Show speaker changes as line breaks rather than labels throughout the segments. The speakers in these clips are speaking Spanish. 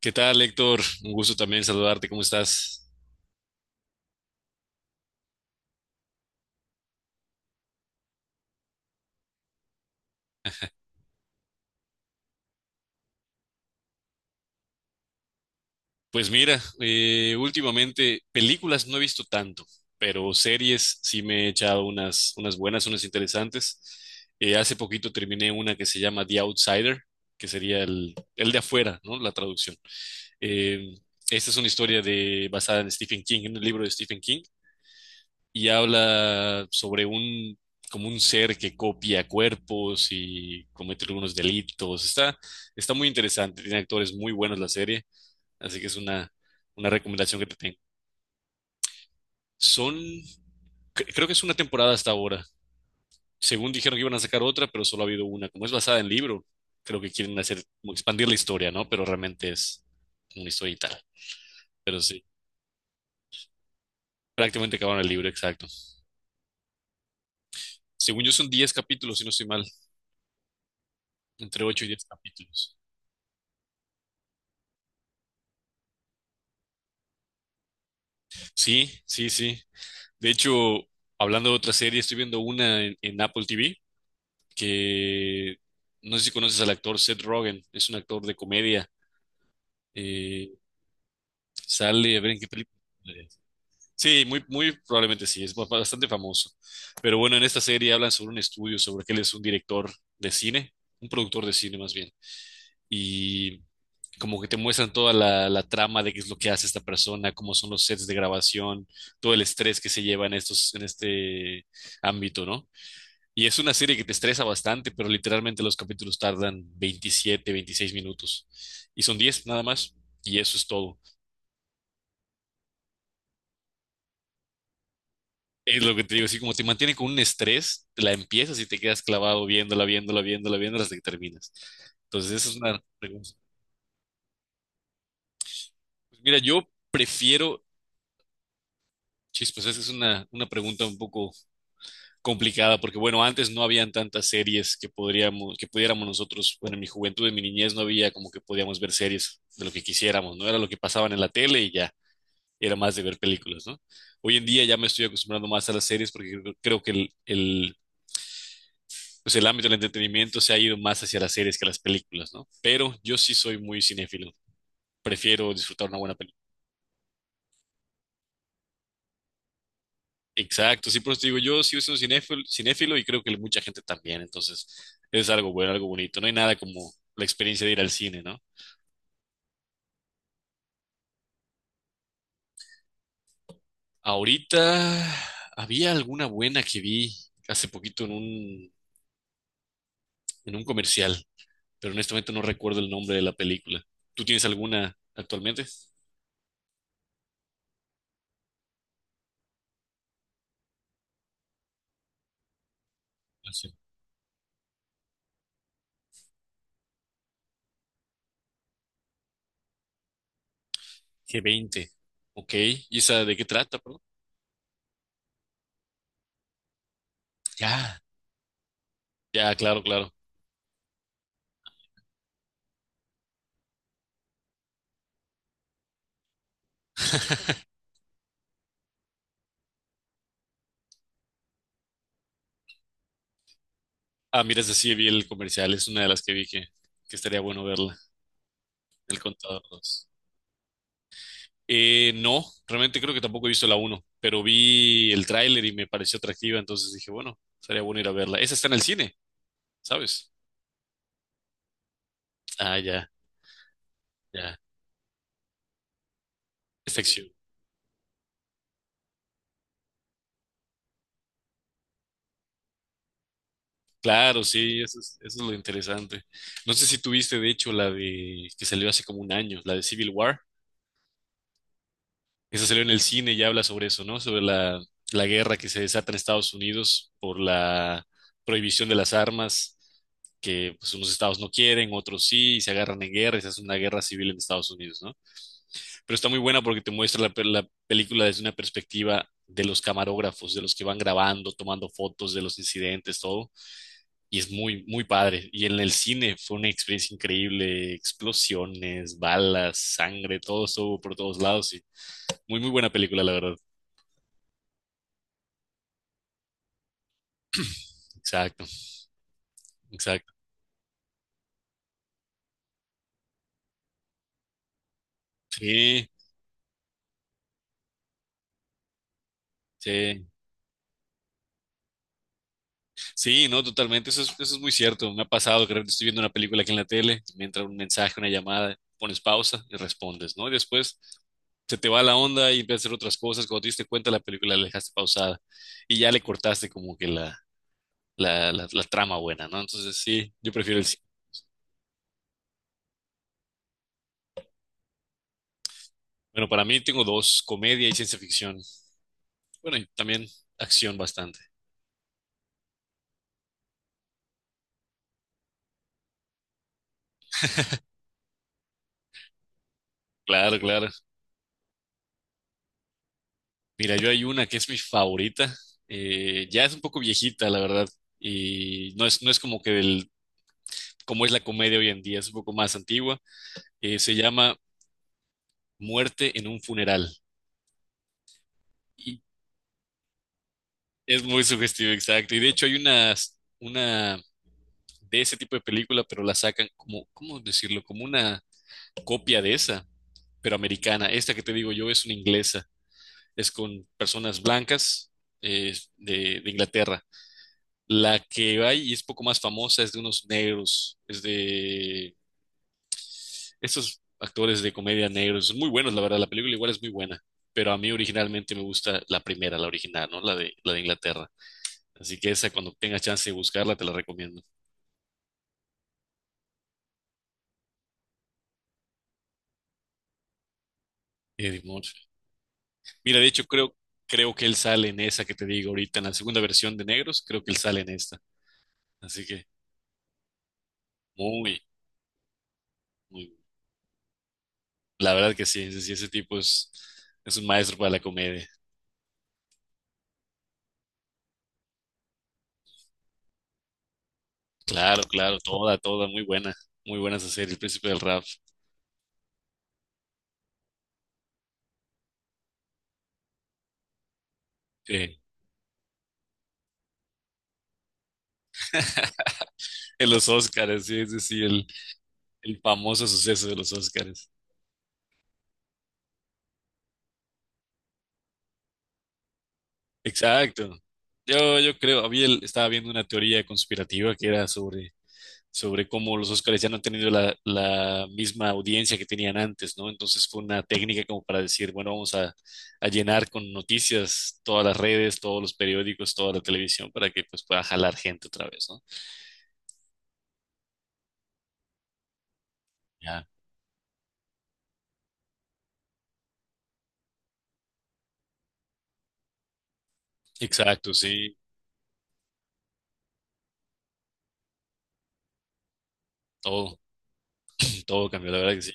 ¿Qué tal, Héctor? Un gusto también saludarte. ¿Cómo estás? Pues mira, últimamente películas no he visto tanto, pero series sí me he echado unas buenas, unas interesantes. Hace poquito terminé una que se llama The Outsider, que sería el de afuera, ¿no? La traducción. Eh, Esta es una historia basada en Stephen King, en un libro de Stephen King. Y habla sobre como un ser que copia cuerpos y comete algunos delitos. Está muy interesante, tiene actores muy buenos la serie, así que es una recomendación que te tengo. Son, creo que es una temporada hasta ahora. Según dijeron que iban a sacar otra, pero solo ha habido una. Como es basada en libro, creo que quieren hacer, como expandir la historia, ¿no? Pero realmente es una historia y tal. Pero sí, prácticamente acabaron el libro, exacto. Según yo son 10 capítulos, si no estoy mal, entre 8 y 10 capítulos. Sí, sí, sí. De hecho, hablando de otra serie, estoy viendo una en Apple TV que no sé si conoces al actor Seth Rogen, es un actor de comedia. eh, Sale, a ver en qué película. Sí, muy, muy probablemente sí, es bastante famoso. Pero bueno, en esta serie hablan sobre un estudio, sobre que él es un director de cine, un productor de cine más bien. Y como que te muestran toda la trama de qué es lo que hace esta persona, cómo son los sets de grabación, todo el estrés que se lleva en estos, en este ámbito, ¿no? Y es una serie que te estresa bastante, pero literalmente los capítulos tardan 27, 26 minutos. Y son 10 nada más, y eso es todo. Es lo que te digo, así como te mantiene con un estrés, la empiezas y te quedas clavado viéndola, viéndola, viéndola, viéndola hasta que terminas. Entonces, esa es una pregunta. Pues mira, yo prefiero, chispas, esa es una pregunta un poco complicada, porque bueno, antes no habían tantas series que podríamos, que pudiéramos nosotros, bueno, en mi juventud, en mi niñez no había como que podíamos ver series de lo que quisiéramos, no era lo que pasaban en la tele y ya, era más de ver películas, ¿no? Hoy en día ya me estoy acostumbrando más a las series porque creo que pues el ámbito del entretenimiento se ha ido más hacia las series que a las películas, ¿no? Pero yo sí soy muy cinéfilo, prefiero disfrutar una buena película. Exacto, sí, por eso te digo, yo sí soy un cinéfilo, cinéfilo y creo que mucha gente también, entonces es algo bueno, algo bonito, no hay nada como la experiencia de ir al cine, ¿no? Ahorita había alguna buena que vi hace poquito en un comercial, pero honestamente no recuerdo el nombre de la película. ¿Tú tienes alguna actualmente? Hace G20, ok, ¿y esa de qué trata, perdón? Ya, ya, claro, claro. Ah, mira, esa sí vi el comercial, es una de las que vi que estaría bueno verla, El Contador dos. No, realmente creo que tampoco he visto la uno, pero vi el tráiler y me pareció atractiva, entonces dije, bueno, sería bueno ir a verla. Esa está en el cine, ¿sabes? Ah, ya, ya. Es acción. Claro, sí, eso es lo interesante. No sé si tuviste, de hecho, la de que salió hace como un año, la de Civil War. Esa salió en el cine y habla sobre eso, ¿no? Sobre la, la guerra que se desata en Estados Unidos por la prohibición de las armas, que pues unos estados no quieren, otros sí, y se agarran en guerra, y se hace una guerra civil en Estados Unidos, ¿no? Pero está muy buena porque te muestra la, pe- la película desde una perspectiva de los camarógrafos, de los que van grabando, tomando fotos de los incidentes, todo, y es muy, muy padre. Y en el cine fue una experiencia increíble, explosiones, balas, sangre, todo estuvo por todos lados y muy, muy buena película, la verdad. Exacto, exacto. Sí, sí. Sí, no, totalmente, eso es muy cierto. Me ha pasado que de repente estoy viendo una película aquí en la tele, me entra un mensaje, una llamada, pones pausa y respondes, ¿no? Y después se te va la onda y empiezas a hacer otras cosas. Cuando te diste cuenta, la película la dejaste pausada y ya le cortaste como que la trama buena, ¿no? Entonces, sí, yo prefiero el cine. Bueno, para mí tengo dos, comedia y ciencia ficción. Bueno, y también acción bastante. Claro, claro. Mira, yo hay una que es mi favorita. Eh, ya es un poco viejita, la verdad. Y no es como que del como es la comedia hoy en día, es un poco más antigua, se llama Muerte en un funeral. Y es muy sugestivo, exacto. Y de hecho hay una de ese tipo de película, pero la sacan como, ¿cómo decirlo? Como una copia de esa, pero americana. Esta que te digo yo es una inglesa, es con personas blancas de Inglaterra. La que hay y es poco más famosa es de unos negros, es de estos actores de comedia negros, son muy buenos, la verdad, la película igual es muy buena, pero a mí originalmente me gusta la primera, la original, ¿no? La de Inglaterra. Así que esa, cuando tengas chance de buscarla, te la recomiendo. Eddie Murphy. Mira, de hecho, creo, creo que él sale en esa que te digo ahorita, en la segunda versión de Negros, creo que él sale en esta. Así que, muy, muy, la verdad que sí, ese tipo es un maestro para la comedia. Claro, claro, toda, toda, muy buena esa serie, El Príncipe del Rap. Sí. En los Oscars, sí, ese sí, El famoso suceso de los Oscars. Exacto. Yo creo, estaba viendo una teoría conspirativa que era sobre cómo los Oscars ya no han tenido la misma audiencia que tenían antes, ¿no? Entonces fue una técnica como para decir, bueno, vamos a llenar con noticias todas las redes, todos los periódicos, toda la televisión para que pues pueda jalar gente otra vez, ¿no? Ya. Exacto, sí. Todo, todo cambió, la verdad que sí.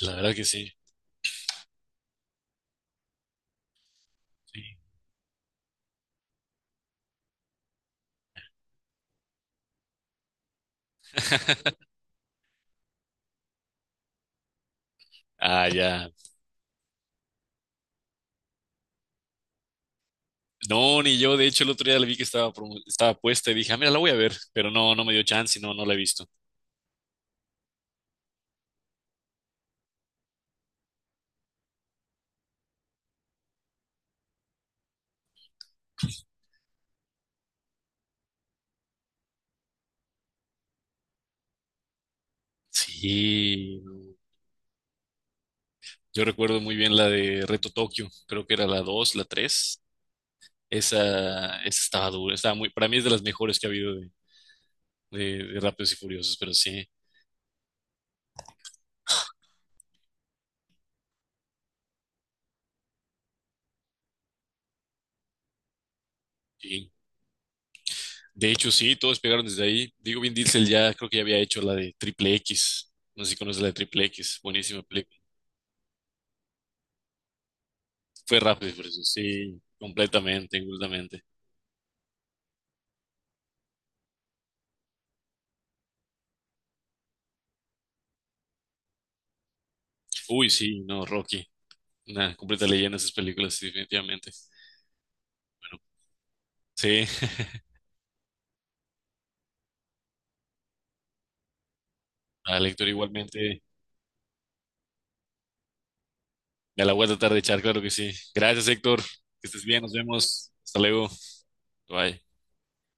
La verdad que sí. Sí. Ah, ya. No, ni yo. De hecho, el otro día la vi que estaba puesta y dije, ah, mira, la voy a ver. Pero no, no me dio chance y no, no la he visto. Sí, no. Yo recuerdo muy bien la de Reto Tokio. Creo que era la 2, la 3. Esa estaba dura. Estaba muy, para mí es de las mejores que ha habido de Rápidos y Furiosos, pero sí, sí. De hecho, sí, todos pegaron desde ahí. Digo, Vin Diesel ya creo que ya había hecho la de Triple X. No sé si conoces la de Triple X. Buenísima película. Fue Rápidos y Furiosos, sí, completamente, completamente. Uy, sí, no, Rocky. Una completa leyenda esas películas, sí, definitivamente. Bueno, sí, al Héctor igualmente. Ya la voy a tratar de echar, claro que sí. Gracias, Héctor. Que estés bien, nos vemos. Hasta luego. Bye.